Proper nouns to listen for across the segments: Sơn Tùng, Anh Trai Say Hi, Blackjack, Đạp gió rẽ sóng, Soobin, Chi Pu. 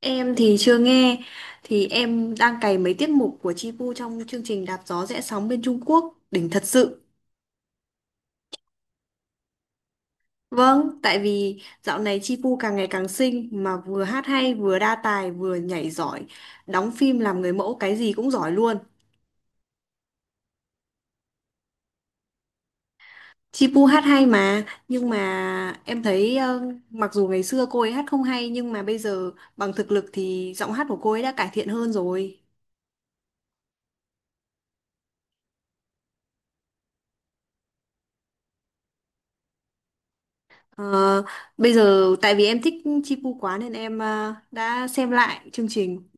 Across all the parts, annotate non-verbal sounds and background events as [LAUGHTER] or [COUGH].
Em thì chưa nghe thì em đang cày mấy tiết mục của Chi Pu trong chương trình Đạp gió rẽ sóng bên Trung Quốc đỉnh thật sự. Vâng, tại vì dạo này Chi Pu càng ngày càng xinh mà vừa hát hay vừa đa tài vừa nhảy giỏi, đóng phim làm người mẫu cái gì cũng giỏi luôn. Chi Pu hát hay mà, nhưng mà em thấy mặc dù ngày xưa cô ấy hát không hay nhưng mà bây giờ bằng thực lực thì giọng hát của cô ấy đã cải thiện hơn rồi. Ờ, bây giờ tại vì em thích Chipu quá nên em đã xem lại chương trình.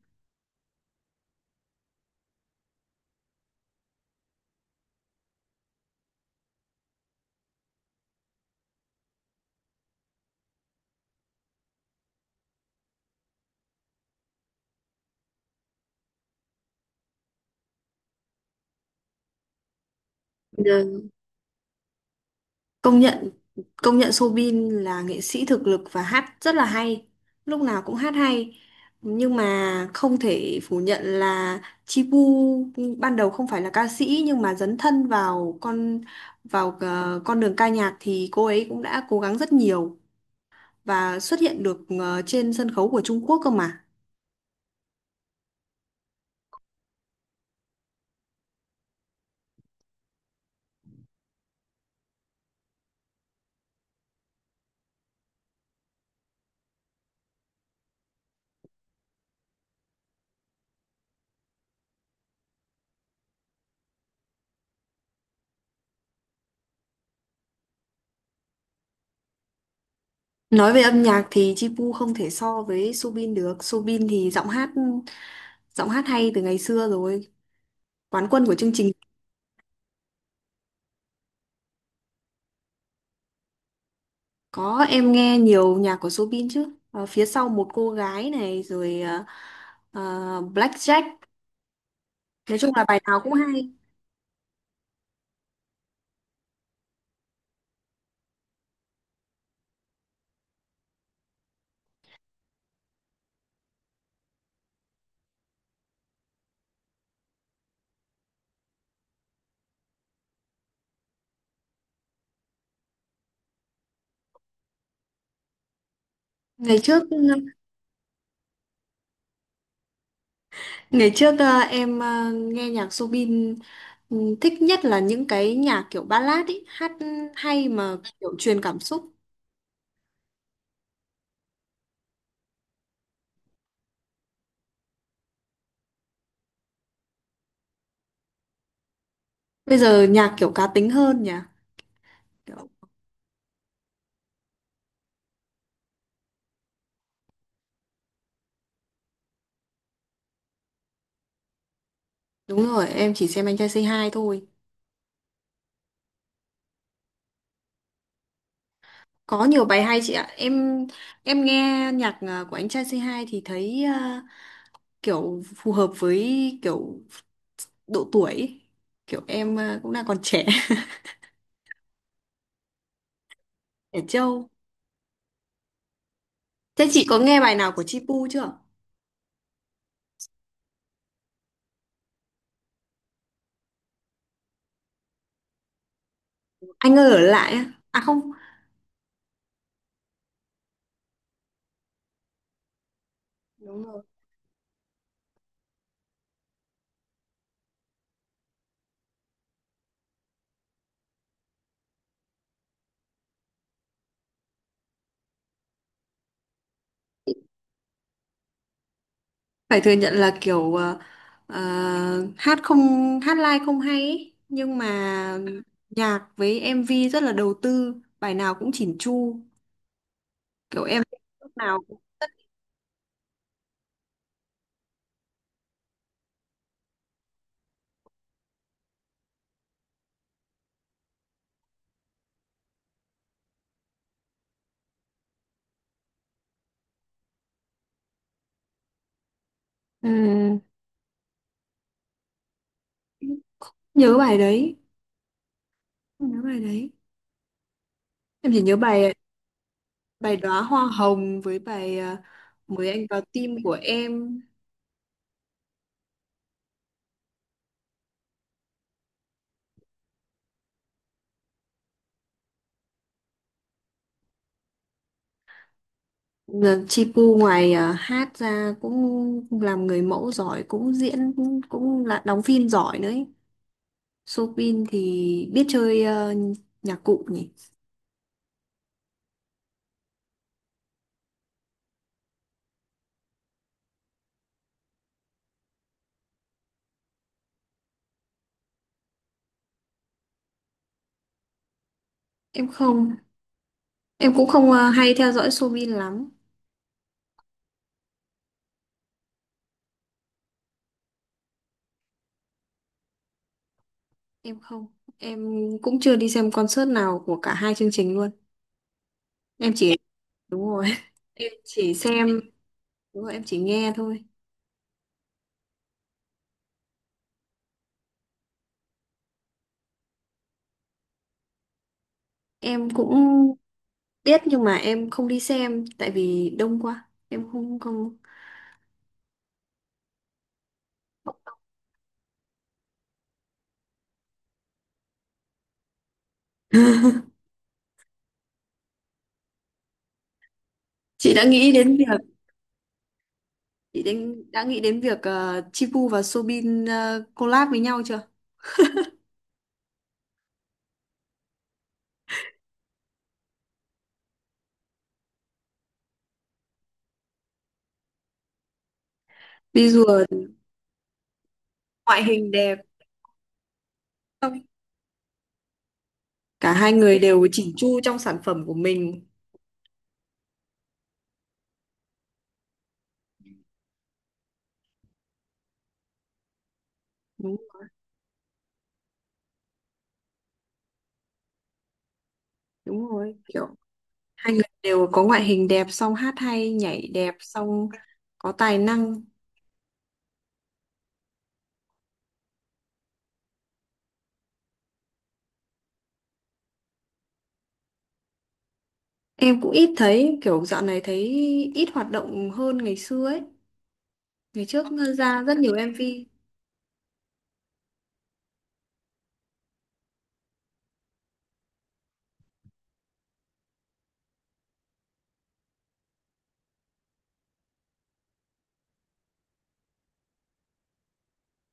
Bây giờ công nhận công nhận Soobin là nghệ sĩ thực lực và hát rất là hay, lúc nào cũng hát hay. Nhưng mà không thể phủ nhận là Chipu ban đầu không phải là ca sĩ nhưng mà dấn thân vào con đường ca nhạc thì cô ấy cũng đã cố gắng rất nhiều và xuất hiện được trên sân khấu của Trung Quốc cơ mà. Nói về âm nhạc thì Chipu không thể so với Subin được. Subin thì giọng hát hay từ ngày xưa rồi. Quán quân của chương trình. Có, em nghe nhiều nhạc của Subin chứ. Ờ, phía sau một cô gái này rồi ờ, Blackjack. Nói chung là bài nào cũng hay. Ngày trước ngày trước nghe nhạc Subin ừ, thích nhất là những cái nhạc kiểu ballad ấy, hát hay mà kiểu truyền cảm xúc. Bây giờ nhạc kiểu cá tính hơn nhỉ. Kiểu. Đúng rồi, em chỉ xem Anh Trai Say Hi thôi. Có nhiều bài hay chị ạ. Em nghe nhạc của Anh Trai Say Hi thì thấy kiểu phù hợp với kiểu độ tuổi ấy. Kiểu em cũng đang còn trẻ, [LAUGHS] trẻ trâu. Thế chị có nghe bài nào của Chi chưa? Anh ơi ở lại á. À không, đúng rồi. Phải thừa nhận là kiểu à, hát không hát live không hay ấy. Nhưng mà nhạc với MV rất là đầu tư, bài nào cũng chỉn chu. Kiểu em lúc nào. À, nhớ bài đấy nhớ bài đấy, em chỉ nhớ bài, bài đóa hoa hồng với bài mới anh vào tim của em. Là Chi Pu ngoài hát ra cũng làm người mẫu giỏi cũng diễn cũng là đóng phim giỏi nữa ấy. Soobin thì biết chơi nhạc cụ nhỉ. Em không em cũng không hay theo dõi Soobin lắm. Em không em cũng chưa đi xem concert nào của cả hai chương trình luôn. Em chỉ, đúng rồi, [LAUGHS] em chỉ xem, đúng rồi em chỉ nghe thôi. Em cũng biết nhưng mà em không đi xem tại vì đông quá em không không. Chị đã nghĩ đến việc, đã nghĩ đến việc Chipu và Soobin collab với nhau chưa? Visual, ngoại hình đẹp xong cả hai người đều chỉnh chu trong sản phẩm của mình. Đúng, đúng rồi, kiểu hai người đều có ngoại hình đẹp xong hát hay nhảy đẹp xong có tài năng. Em cũng ít thấy, kiểu dạo này thấy ít hoạt động hơn ngày xưa ấy. Ngày trước ra rất nhiều MV.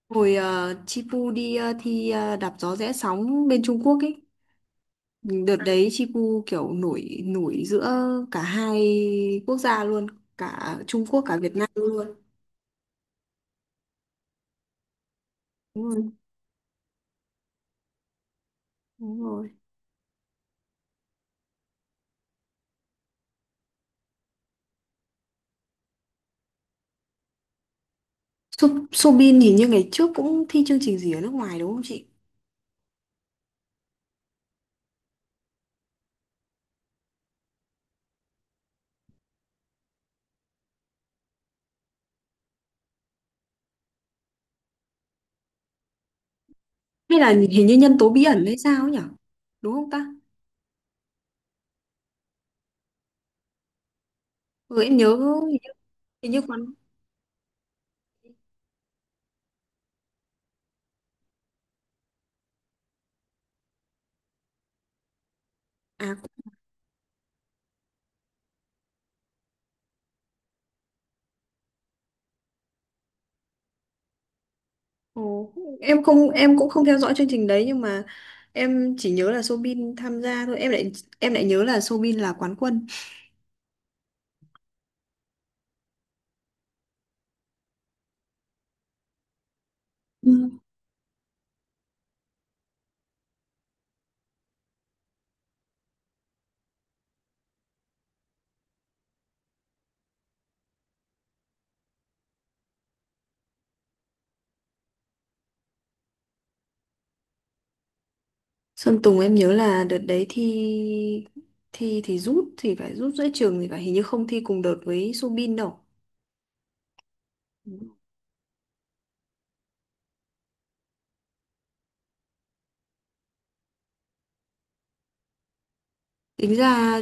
Hồi Chipu đi thi đạp gió rẽ sóng bên Trung Quốc ấy. Đợt đấy Chipu kiểu nổi nổi giữa cả hai quốc gia luôn, cả Trung Quốc cả Việt Nam luôn. Đúng rồi, đúng rồi. Soobin hình như ngày trước cũng thi chương trình gì ở nước ngoài đúng không chị? Hay là hình như nhân tố bí ẩn hay sao ấy nhỉ? Đúng không ta? Ừ, em nhớ hình như, hình như còn à. Ồ, em không em cũng không theo dõi chương trình đấy nhưng mà em chỉ nhớ là Soobin tham gia thôi, em lại nhớ là Soobin là quán quân. Ừ. Sơn Tùng em nhớ là đợt đấy thi, thì rút thì phải, rút giữa trường thì phải, hình như không thi cùng đợt với Soobin đâu. Ừ. tính ra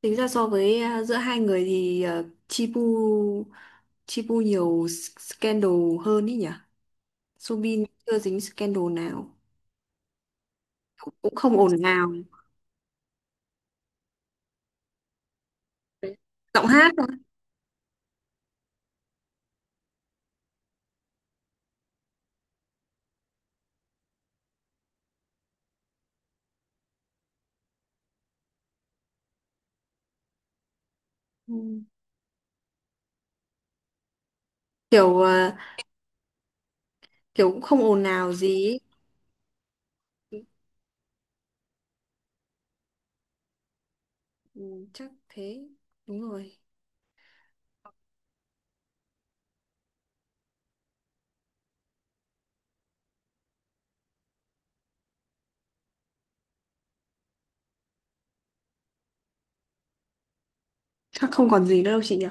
tính ra so với giữa hai người thì à, Chipu Chipu nhiều scandal hơn ý nhỉ. Soobin chưa dính scandal nào, cũng cũng không ồn ào. Đấy. Giọng hát thôi. Ừ, kiểu kiểu cũng không ồn ào gì ý. Ừ, chắc thế, đúng rồi. Chắc không còn gì nữa đâu chị nhỉ.